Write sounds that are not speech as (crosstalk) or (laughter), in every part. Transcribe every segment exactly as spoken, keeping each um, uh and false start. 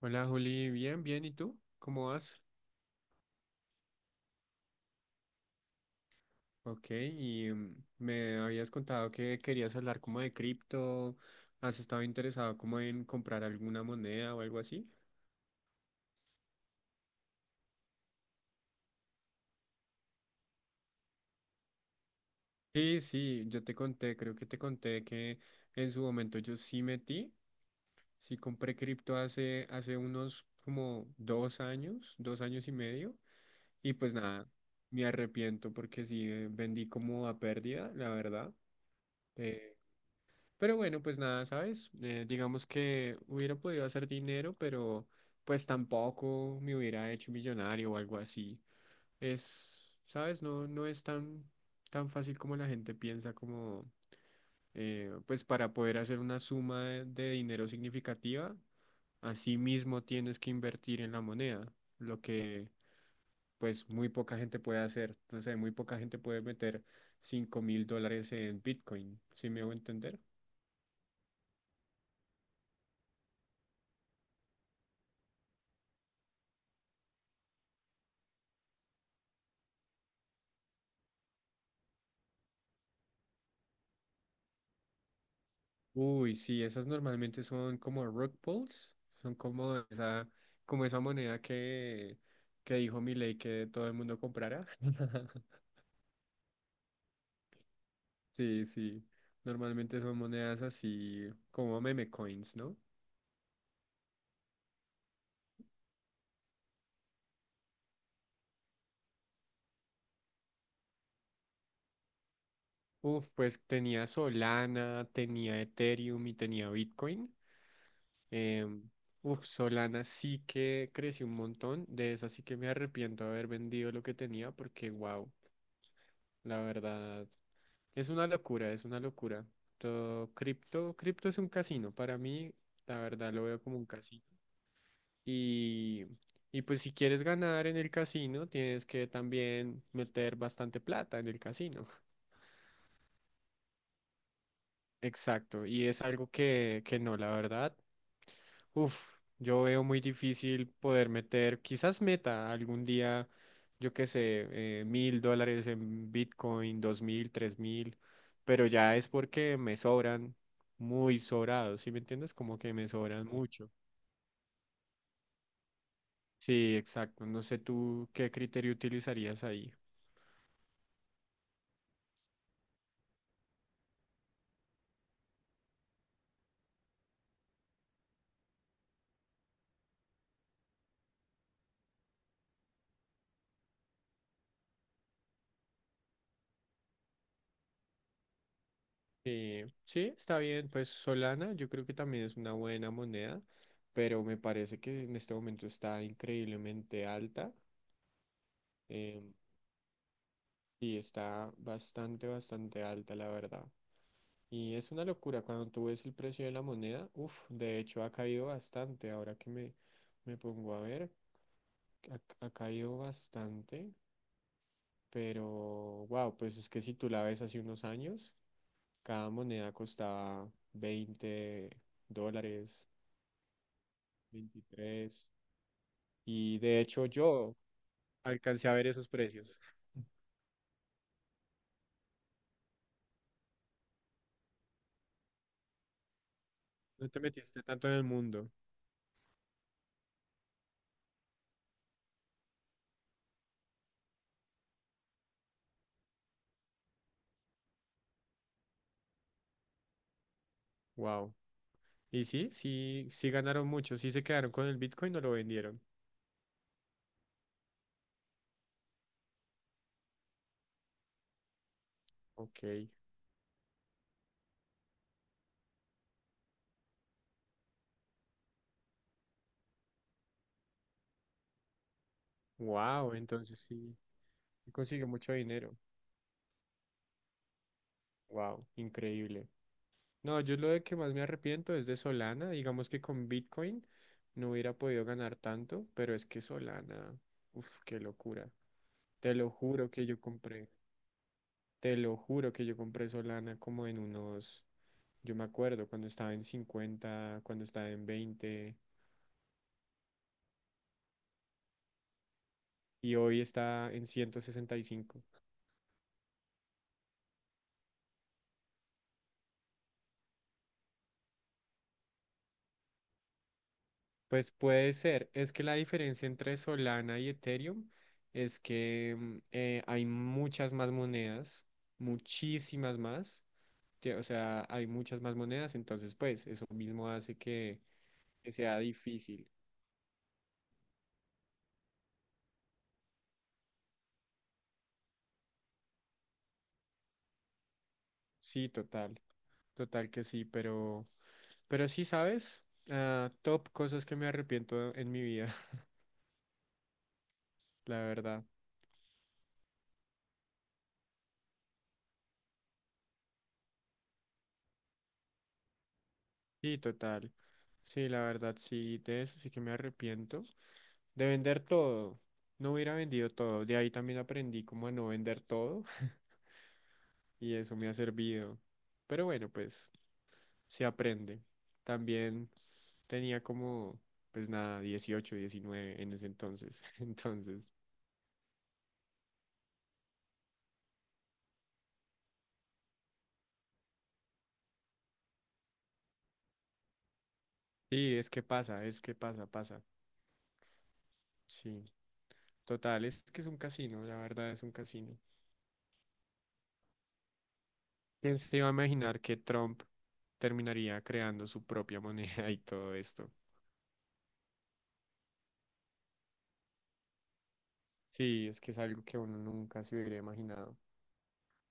Hola Juli, bien, bien, ¿y tú? ¿Cómo vas? Ok, y mm, me habías contado que querías hablar como de cripto. ¿Has estado interesado como en comprar alguna moneda o algo así? Sí, sí, yo te conté, creo que te conté que en su momento yo sí metí, sí compré cripto hace, hace unos como dos años, dos años y medio. Y pues nada, me arrepiento porque sí eh, vendí como a pérdida, la verdad. eh, Pero bueno, pues nada, ¿sabes? Eh, digamos que hubiera podido hacer dinero, pero pues tampoco me hubiera hecho millonario o algo así. Es, ¿sabes? No, no es tan, tan fácil como la gente piensa, como eh, pues para poder hacer una suma de, de dinero significativa. Así mismo tienes que invertir en la moneda, lo que pues muy poca gente puede hacer. No sé, muy poca gente puede meter cinco mil dólares en Bitcoin, ¿si me hago entender? Uy, sí, esas normalmente son como rock balls, son como esa, como esa moneda que, que dijo Milei que todo el mundo comprara. (laughs) Sí, sí, normalmente son monedas así como meme coins, ¿no? Uf, pues tenía Solana, tenía Ethereum y tenía Bitcoin. Em, uf, Solana sí que creció un montón, de esa sí que me arrepiento de haber vendido lo que tenía porque, wow. La verdad. Es una locura, es una locura. Todo cripto, cripto es un casino. Para mí, la verdad, lo veo como un casino. Y, y pues si quieres ganar en el casino, tienes que también meter bastante plata en el casino. (laughs) Exacto. Y es algo que, que no, la verdad. Uf, yo veo muy difícil poder meter, quizás meta algún día, yo qué sé, eh, mil dólares en Bitcoin, dos mil, tres mil, pero ya es porque me sobran muy sobrados, ¿sí me entiendes? Como que me sobran mucho. Sí, exacto. No sé tú qué criterio utilizarías ahí. Eh, sí, está bien. Pues Solana, yo creo que también es una buena moneda, pero me parece que en este momento está increíblemente alta. em, Sí, está bastante, bastante alta, la verdad. Y es una locura cuando tú ves el precio de la moneda. Uf, de hecho ha caído bastante. Ahora que me, me pongo a ver, ha, ha caído bastante. Pero, wow, pues es que si tú la ves hace unos años, cada moneda costaba veinte dólares, veintitrés. Y de hecho yo alcancé a ver esos precios. No te metiste tanto en el mundo. Wow. Y sí, sí, sí ganaron mucho, sí se quedaron con el Bitcoin o lo vendieron. Ok, wow, entonces sí, consiguió mucho dinero. Wow, increíble. No, yo lo de que más me arrepiento es de Solana, digamos que con Bitcoin no hubiera podido ganar tanto, pero es que Solana, uff, qué locura. Te lo juro que yo compré, te lo juro que yo compré Solana como en unos, yo me acuerdo cuando estaba en cincuenta, cuando estaba en veinte y hoy está en ciento sesenta y cinco. Pues puede ser. Es que la diferencia entre Solana y Ethereum es que mm, eh, hay muchas más monedas, muchísimas más. que, O sea, hay muchas más monedas, entonces pues eso mismo hace que, que sea difícil. Sí, total, total que sí, pero, pero, sí, ¿sabes? Ah, top cosas que me arrepiento en mi vida, (laughs) la verdad. Sí, total. Sí, la verdad, sí, de eso sí que me arrepiento. De vender todo. No hubiera vendido todo. De ahí también aprendí como a no vender todo (laughs) y eso me ha servido. Pero bueno, pues se aprende. También tenía como, pues nada, dieciocho diecinueve en ese entonces. (laughs) Entonces, sí, es que pasa, es que pasa, pasa. Sí, total, es que es un casino, la verdad es un casino. ¿Quién se iba a imaginar que Trump terminaría creando su propia moneda (laughs) y todo esto? Sí, es que es algo que uno nunca se hubiera imaginado.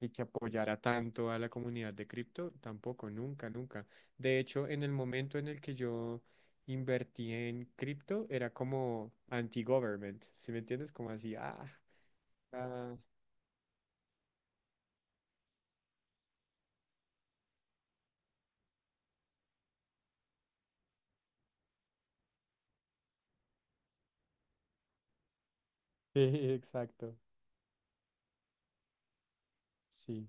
Y que apoyara tanto a la comunidad de cripto, tampoco, nunca, nunca. De hecho, en el momento en el que yo invertí en cripto, era como anti-government, ¿sí me entiendes? Como así, ah, ah, (laughs) sí, exacto, sí.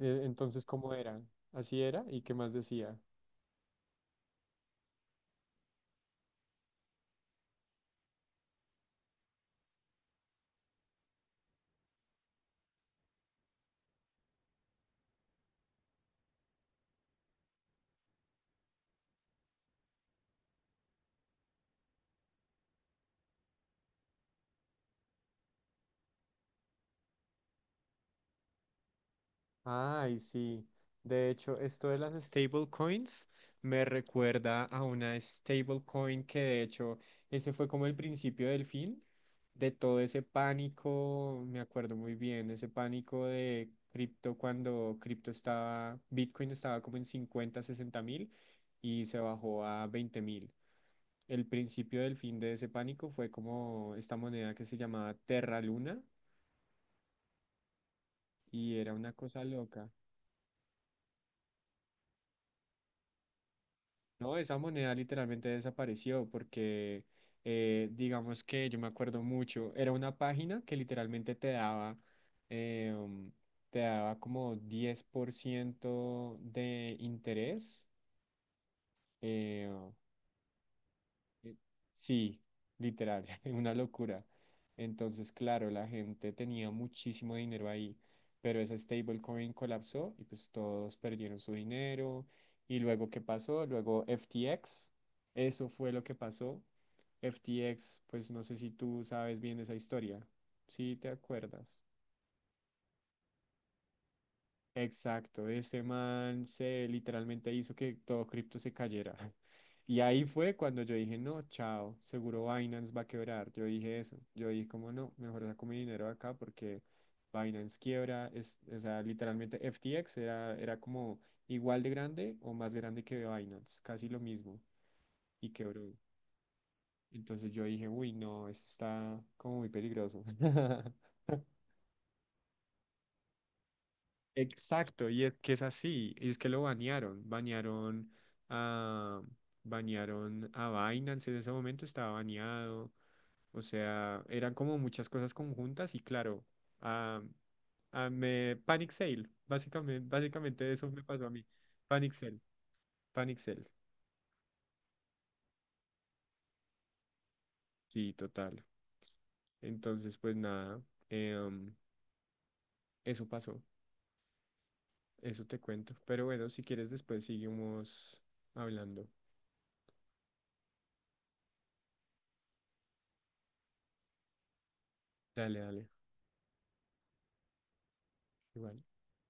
E- Entonces, ¿cómo era? Así era, ¿y qué más decía? Ay, sí. De hecho, esto de las stablecoins me recuerda a una stablecoin que de hecho ese fue como el principio del fin de todo ese pánico, me acuerdo muy bien, ese pánico de cripto cuando cripto estaba, Bitcoin estaba como en cincuenta, sesenta mil y se bajó a veinte mil. El principio del fin de ese pánico fue como esta moneda que se llamaba Terra Luna y era una cosa loca. No, esa moneda literalmente desapareció porque, eh, digamos que yo me acuerdo mucho, era una página que literalmente te daba, eh, um, te daba como diez por ciento de interés. eh, eh, Sí, literal, (laughs) una locura. Entonces, claro, la gente tenía muchísimo dinero ahí, pero esa stablecoin colapsó y pues todos perdieron su dinero. Y luego, ¿qué pasó? Luego F T X, eso fue lo que pasó. F T X, pues no sé si tú sabes bien esa historia, si te acuerdas. Exacto, ese man se literalmente hizo que todo cripto se cayera. (laughs) Y ahí fue cuando yo dije, no, chao, seguro Binance va a quebrar. Yo dije eso. Yo dije, como no, mejor saco mi dinero acá porque Binance quiebra. Es, o sea, literalmente F T X era, era como igual de grande o más grande que Binance, casi lo mismo, y quebró. Entonces yo dije, uy, no, esto está como muy peligroso. (laughs) Exacto, y es que es así, y es que lo banearon, banearon a, banearon a Binance en ese momento, estaba baneado, o sea, eran como muchas cosas conjuntas y claro, a, a me Panic Sale, básicamente, básicamente eso me pasó a mí, Panic Sale, Panic Sale, sí, total. Entonces, pues nada, em, eso pasó, eso te cuento, pero bueno, si quieres después seguimos hablando, dale, dale, igual.